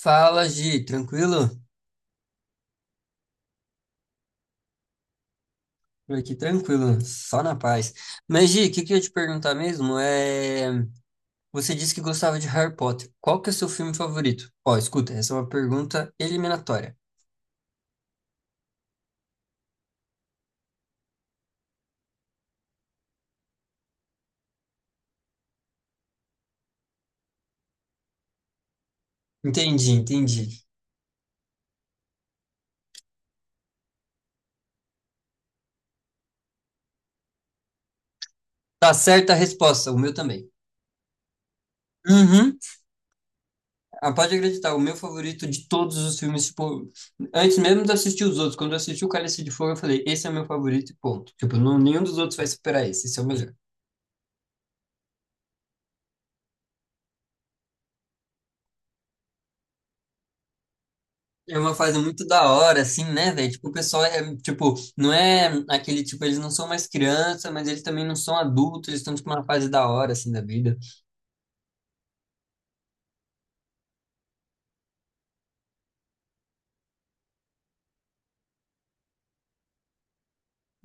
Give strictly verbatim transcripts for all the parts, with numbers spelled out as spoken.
Fala, Gi, tranquilo? Por aqui tranquilo, só na paz. Mas, Gi, o que que eu ia te perguntar mesmo é... Você disse que gostava de Harry Potter. Qual que é o seu filme favorito? Ó, escuta, essa é uma pergunta eliminatória. Entendi, entendi. Tá certa a resposta, o meu também. Uhum. Ah, pode acreditar, o meu favorito de todos os filmes, tipo... Antes mesmo de assistir os outros, quando eu assisti o Cálice de Fogo, eu falei, esse é o meu favorito e ponto. Tipo, não, nenhum dos outros vai superar esse, esse é o melhor. É uma fase muito da hora, assim, né, velho? Tipo, o pessoal é, tipo, não é aquele, tipo, eles não são mais criança, mas eles também não são adultos, eles estão, tipo, numa fase da hora, assim, da vida.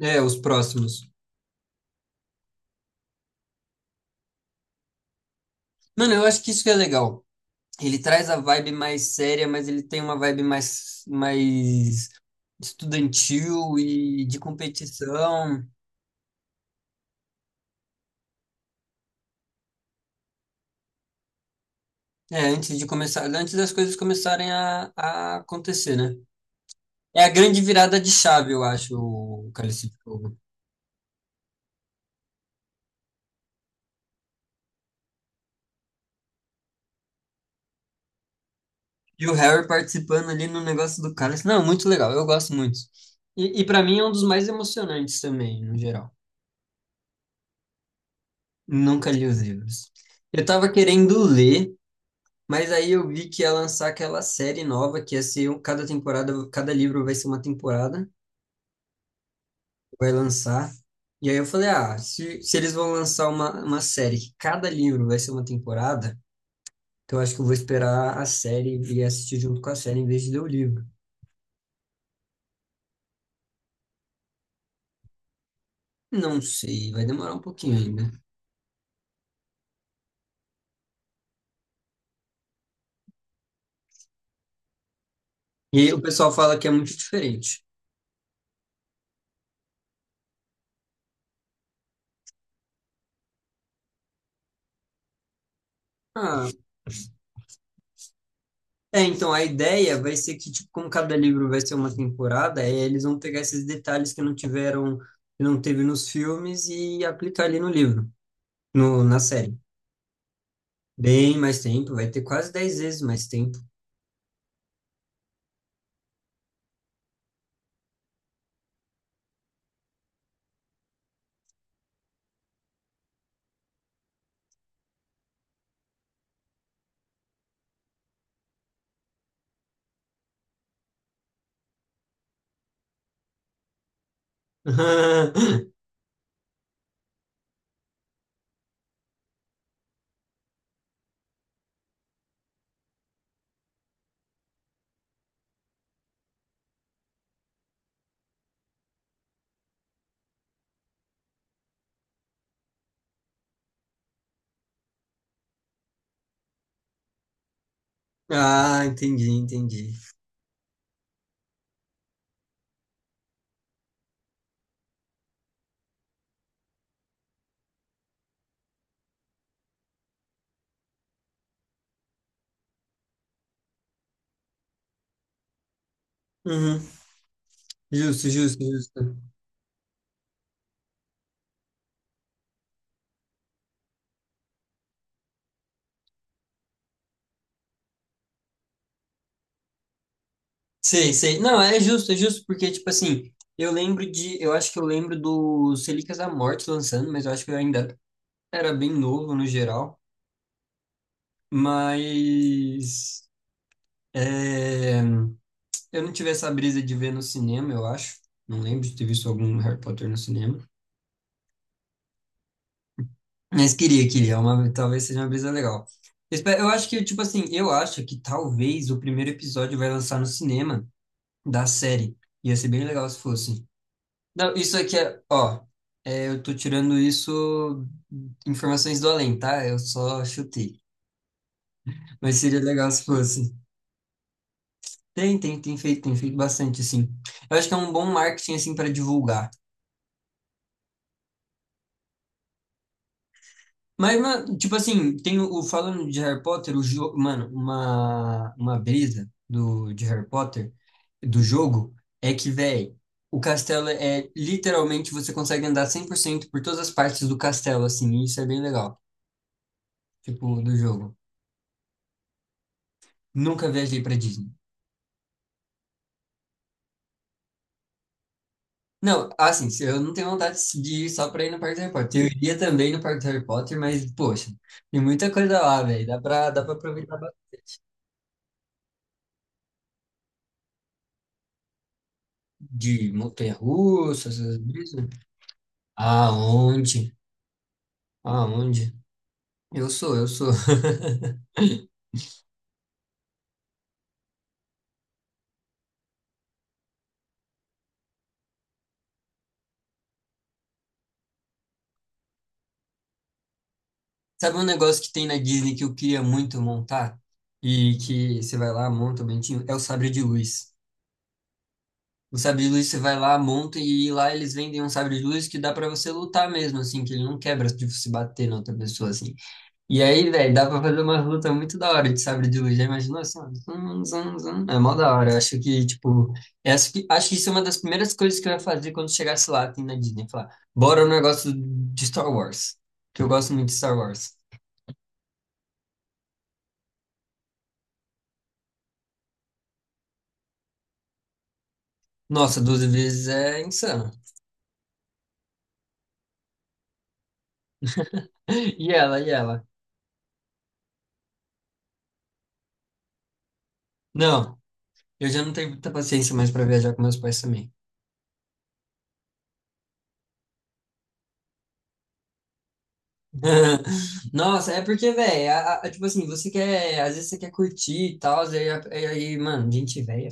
É, os próximos. Mano, eu acho que isso que é legal. Ele traz a vibe mais séria, mas ele tem uma vibe mais, mais estudantil e de competição. É, antes de começar, antes das coisas começarem a, a acontecer, né? É a grande virada de chave, eu acho, o Cálice de Fogo. E o Harry participando ali no negócio do cálice. Não, muito legal, eu gosto muito. E, e para mim é um dos mais emocionantes também, no geral. Nunca li os livros. Eu tava querendo ler, mas aí eu vi que ia lançar aquela série nova, que ia ser um- cada temporada, cada livro vai ser uma temporada, vai lançar. E aí eu falei, ah, se, se eles vão lançar uma, uma série que cada livro vai ser uma temporada, então eu acho que eu vou esperar a série e assistir junto com a série em vez de ler o livro. Não sei, vai demorar um pouquinho ainda. E o pessoal fala que é muito diferente. Ah, é, então a ideia vai ser que, tipo, como cada livro vai ser uma temporada, é, eles vão pegar esses detalhes que não tiveram, que não teve nos filmes e aplicar ali no livro, no, na série. Bem mais tempo, vai ter quase dez vezes mais tempo. Ah, entendi, entendi. Uhum. Justo, justo, justo. Sei, sei. Não, é justo, é justo, porque, tipo assim, eu lembro de. Eu acho que eu lembro do Relíquias da Morte lançando, mas eu acho que eu ainda era bem novo no geral, mas é, eu não tive essa brisa de ver no cinema, eu acho. Não lembro de ter visto algum Harry Potter no cinema. Mas queria, queria. É uma, talvez seja uma brisa legal. Eu Espe- Eu acho que, tipo assim, eu acho que talvez o primeiro episódio vai lançar no cinema da série. Ia ser bem legal se fosse. Não, isso aqui é, ó, é, eu tô tirando isso informações do além, tá? Eu só chutei. Mas seria legal se fosse. Tem, tem, tem feito, tem feito bastante, assim. Eu acho que é um bom marketing, assim, para divulgar. Mas, mano, tipo assim, tem o, o- falando de Harry Potter, o jogo, mano, uma, uma brisa do, de Harry Potter, do jogo, é que, velho, o castelo é, literalmente, você consegue andar cem por cento por todas as partes do castelo, assim, e isso é bem legal, tipo, do jogo. Nunca viajei pra Disney. Não, assim, se eu não tenho vontade de ir só pra ir no Parque do Harry Potter. Eu iria também no Parque do Harry Potter, mas, poxa, tem muita coisa lá, velho. Dá pra, dá pra aproveitar ba- de montanha-russa, essas brisas. Aonde? Aonde? Eu sou, eu sou. Sabe um negócio que tem na Disney que eu queria muito montar? E que você vai lá, monta o bentinho? É o sabre de luz. O sabre de luz você vai lá, monta e lá eles vendem um sabre de luz que dá pra você lutar mesmo, assim, que ele não quebra de você bater na outra pessoa, assim. E aí, velho, dá pra fazer uma luta muito da hora de sabre de luz. Já imaginou assim? Ó, zum, zum, zum. É mó da hora. Eu acho que, tipo, é, acho que, acho que isso é uma das primeiras coisas que eu ia fazer quando chegasse lá assim, na Disney. Falar, bora no negócio de Star Wars. Que eu gosto muito de Star Wars. Nossa, doze vezes é insano. E ela, e ela. Não, eu já não tenho muita paciência mais pra viajar com meus pais também. Nossa, é porque, velho, tipo assim, você quer, às vezes você quer curtir e tal, e aí, aí, mano, gente velha. É.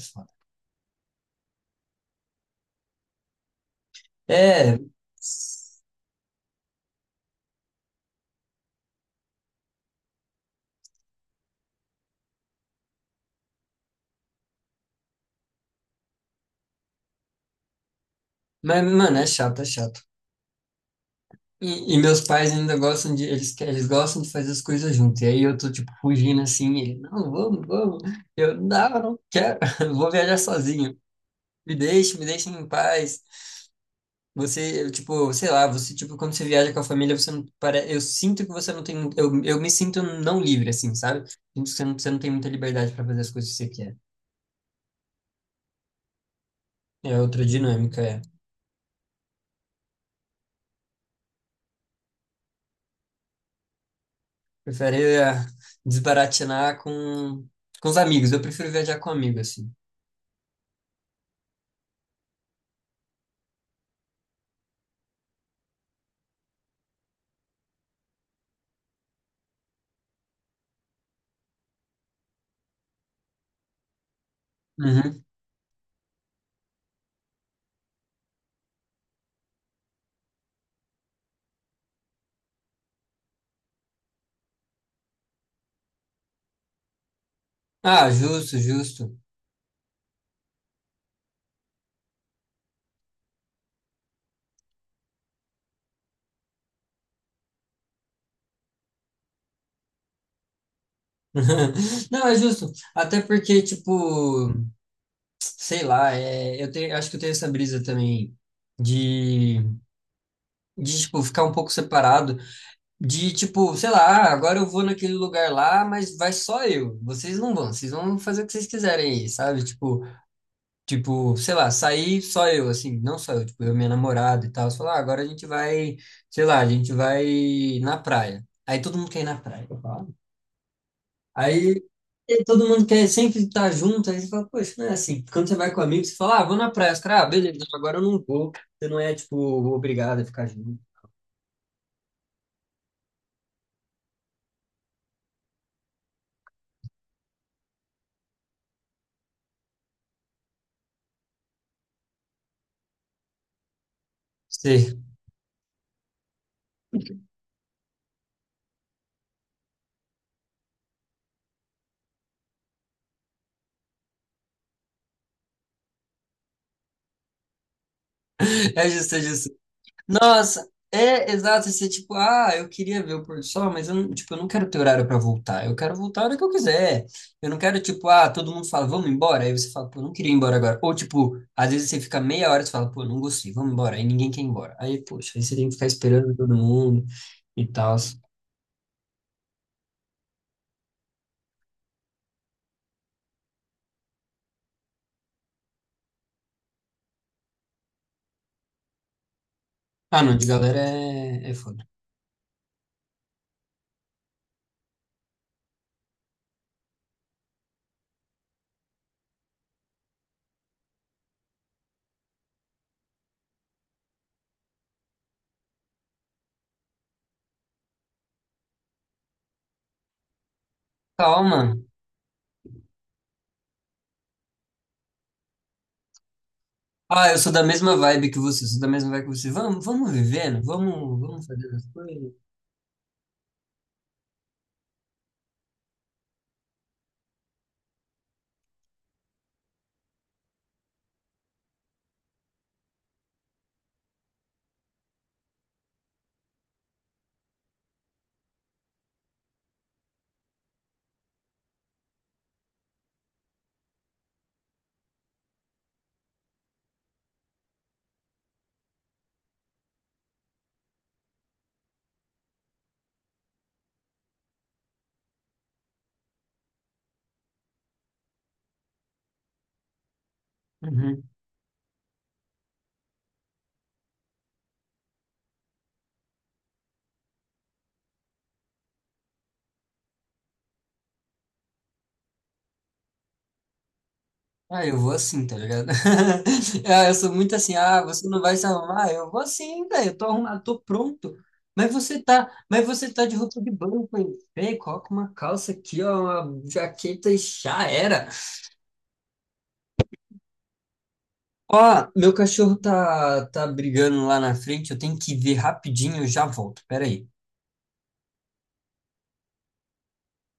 É, mas, mano, é chato, é chato. E, e meus pais ainda gostam de, eles, que- eles gostam de fazer as coisas juntos. E aí eu tô, tipo, fugindo assim, e ele, não, vamos, vamos. Eu, não, não quero, vou viajar sozinho. Me deixe, me deixem em paz. Você, eu, tipo, sei lá, você, tipo, quando você viaja com a família, você não, para, eu sinto que você não tem, eu, eu me sinto não livre, assim, sabe? Sinto que você não, você não tem muita liberdade para fazer as coisas que você quer. É outra dinâmica, é. Prefere eh, desbaratinar com, com os amigos. Eu prefiro viajar com amigo, assim. Uhum. Ah, justo, justo. Não, é justo. Até porque, tipo, sei lá, é, eu tenho, acho que eu tenho essa brisa também de, de, tipo, ficar um pouco separado. De, tipo, sei lá, ah, agora eu vou naquele lugar lá, mas vai só eu. Vocês não vão, vocês vão fazer o que vocês quiserem aí, sabe? Tipo, tipo, sei lá, sair só eu, assim, não só eu, tipo, eu e minha namorada e tal. Você fala, ah, agora a gente vai, sei lá, a gente vai na praia. Aí todo mundo quer ir na praia. Eu falo, ah. Aí e todo mundo quer sempre estar junto. Aí você fala, poxa, não é assim. Quando você vai com amigos, você fala, ah, vou na praia. Os caras, ah, beleza, agora eu não vou. Você não é, tipo, obrigado a ficar junto. Sim. É justo, é justo. Nossa, é exato, você tipo, ah, eu queria ver o pôr do sol, mas eu não, tipo, eu não quero ter horário para voltar. Eu quero voltar a hora que eu quiser. Eu não quero tipo, ah, todo mundo fala, vamos embora, aí você fala, pô, eu não queria ir embora agora. Ou tipo, às vezes você fica meia hora e você fala, pô, eu não gostei, vamos embora, aí ninguém quer ir embora. Aí, poxa, aí você tem que ficar esperando todo mundo e tal. Ah, não, de galera é, é foda. Calma. Ah, eu sou da mesma vibe que você, sou da mesma vibe que você. Vamos, vamos vivendo, vamos, vamos fazendo as coisas. Uhum. Ah, eu vou assim, tá ligado? Ah, eu sou muito assim, ah, você não vai se arrumar? Eu vou assim, velho, eu tô arrumado, tô pronto. Mas você tá, mas você tá de roupa de banho, pô. Vem, coloca uma calça aqui, ó, uma jaqueta e já era. Ó, meu cachorro tá, tá brigando lá na frente, eu tenho que ver rapidinho, eu já volto, peraí.